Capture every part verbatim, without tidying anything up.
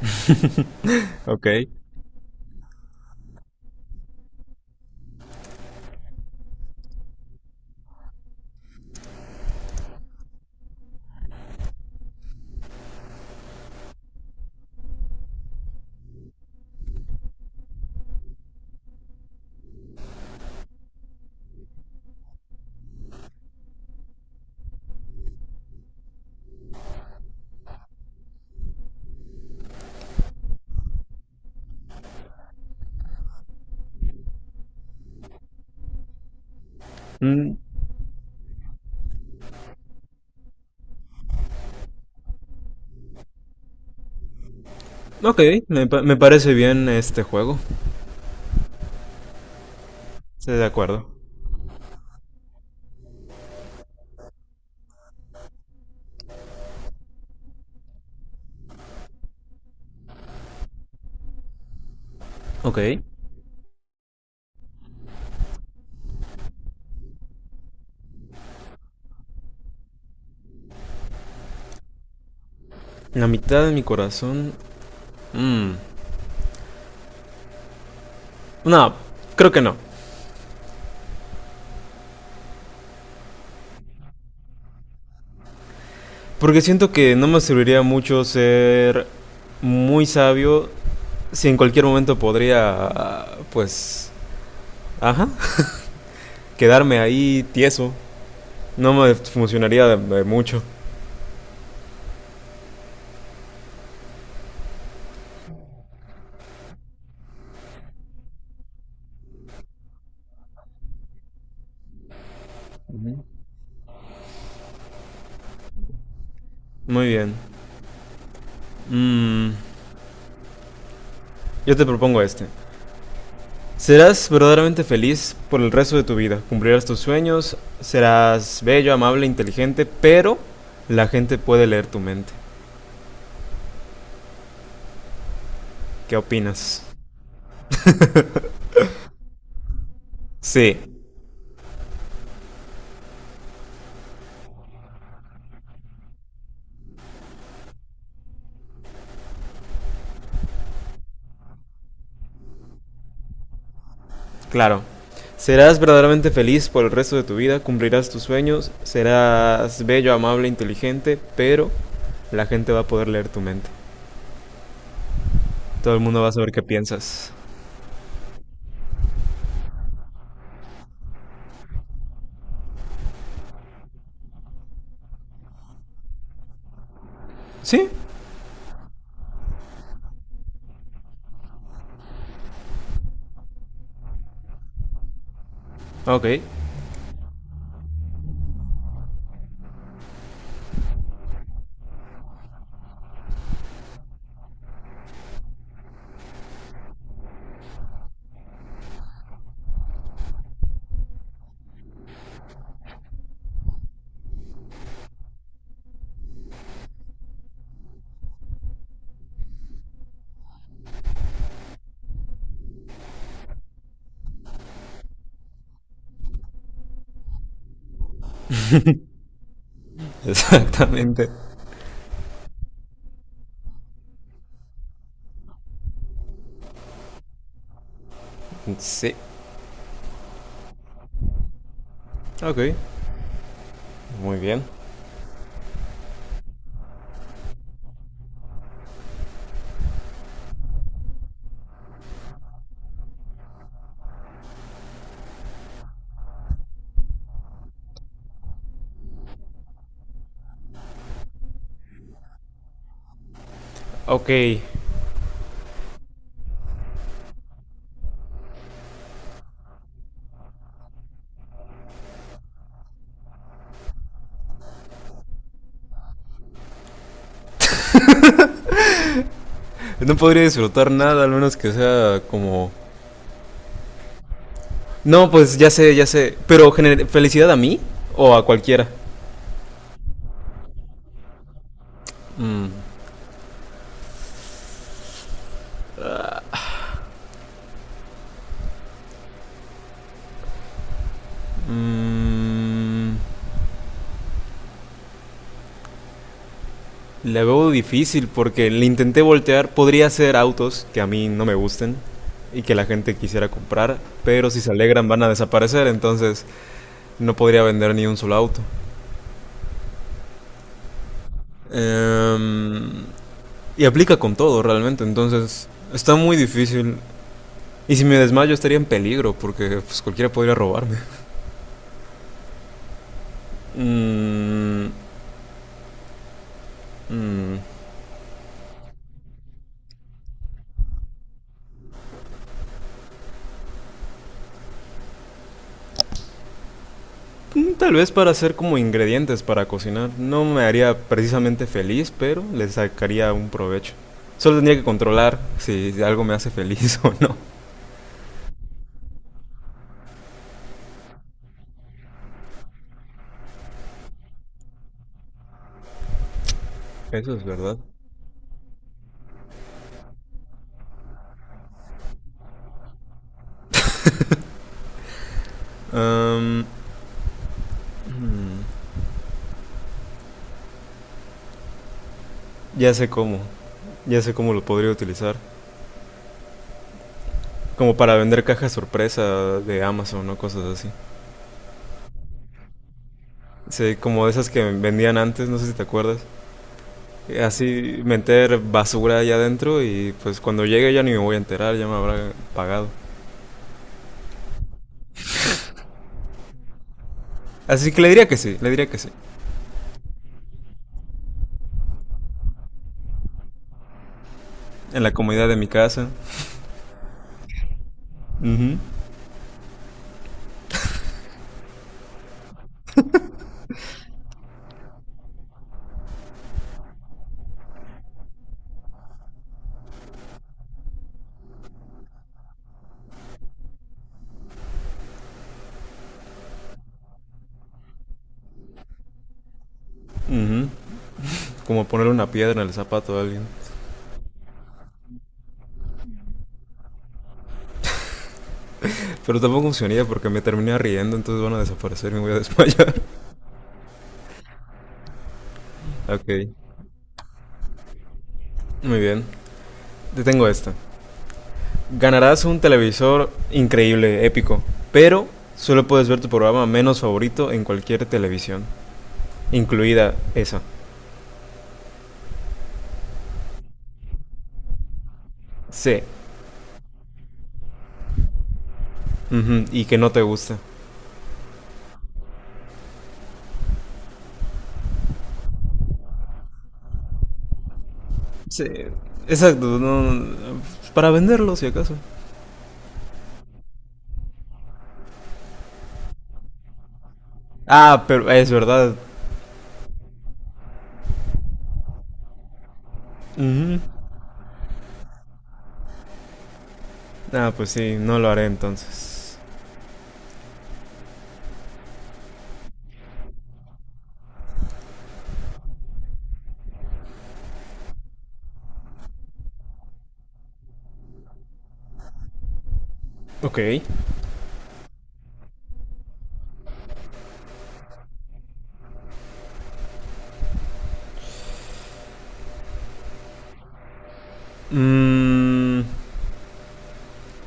Ok. Mm, ok, me, pa- me parece bien este juego. Estoy de acuerdo. Ok. La mitad de mi corazón. mm, No, creo que no. Porque siento que no me serviría mucho ser muy sabio si en cualquier momento podría, pues, ajá, quedarme ahí tieso. No me funcionaría de, de mucho. Muy bien. Mm, yo te propongo este. Serás verdaderamente feliz por el resto de tu vida. Cumplirás tus sueños, serás bello, amable, inteligente, pero la gente puede leer tu mente. ¿Qué opinas? Sí, claro. Serás verdaderamente feliz por el resto de tu vida, cumplirás tus sueños, serás bello, amable, inteligente, pero la gente va a poder leer tu mente. Todo el mundo va a saber qué piensas. Sí, ok. Exactamente. Sí, ok. Muy bien. Ok. No podría disfrutar nada, al menos que sea como... No, pues ya sé, ya sé. Pero gener- felicidad a mí o a cualquiera. Mm, mm, la veo difícil porque le intenté voltear. Podría ser autos que a mí no me gusten y que la gente quisiera comprar, pero si se alegran van a desaparecer, entonces no podría vender ni un solo auto. Em, y aplica con todo realmente, entonces está muy difícil. Y si me desmayo estaría en peligro porque pues, cualquiera podría robarme. Mm, mm, tal vez para hacer como ingredientes para cocinar. No me haría precisamente feliz, pero le sacaría un provecho. Solo tendría que controlar si algo me hace feliz o no. Eso es verdad. Am, ya sé cómo. Ya sé cómo lo podría utilizar. Como para vender cajas sorpresa de Amazon o cosas así. Sí, como esas que vendían antes, no sé si te acuerdas. Eh, Así meter basura allá adentro y pues cuando llegue ya ni me voy a enterar, ya me habrá pagado. Así que le diría que sí, le diría que sí. En la comodidad de mi casa. Ujú. Como ponerle una piedra en el zapato a alguien. Pero tampoco funcionaría porque me terminé riendo, entonces van a desaparecer y me voy a desmayar. Ok, muy bien. Te tengo esta. Ganarás un televisor increíble, épico, pero solo puedes ver tu programa menos favorito en cualquier televisión, incluida esa. Sí. Ujú, y que no te gusta. Sí. Exacto. no- para venderlo, si acaso. Ah, pero es verdad. Ujú. Ah, pues sí, no lo haré entonces. Ok. Mm,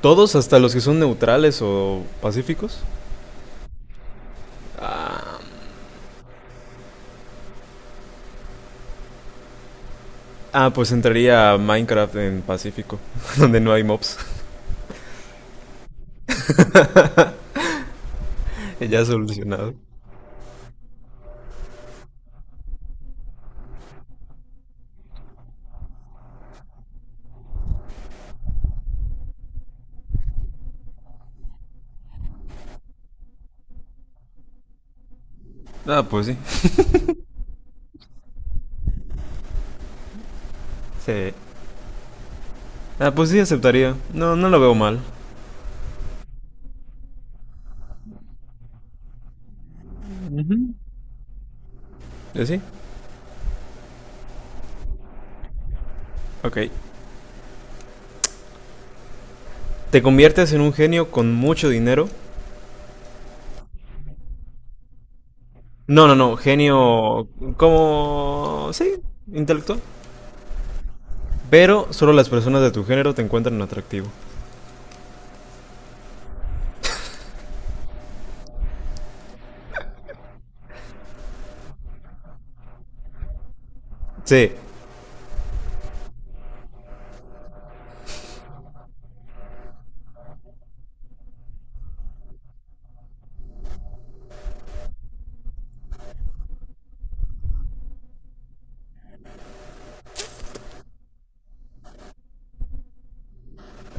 ¿todos hasta los que son neutrales o pacíficos? Ah, pues entraría a Minecraft en Pacífico, donde no hay mobs. Ya solucionado. Ah, pues sí. Sí. Ah, pues sí, aceptaría. No, no lo veo mal. ¿Eh, ¿Sí? Ok. ¿Te conviertes en un genio con mucho dinero? No, no, no. Genio como... Sí, intelectual. Pero solo las personas de tu género te encuentran atractivo. Sí.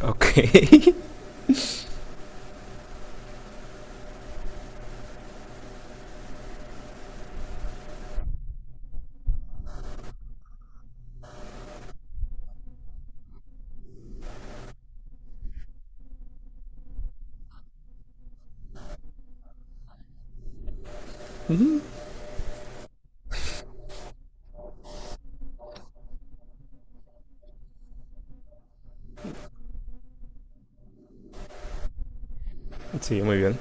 Ok. Sí, muy bien.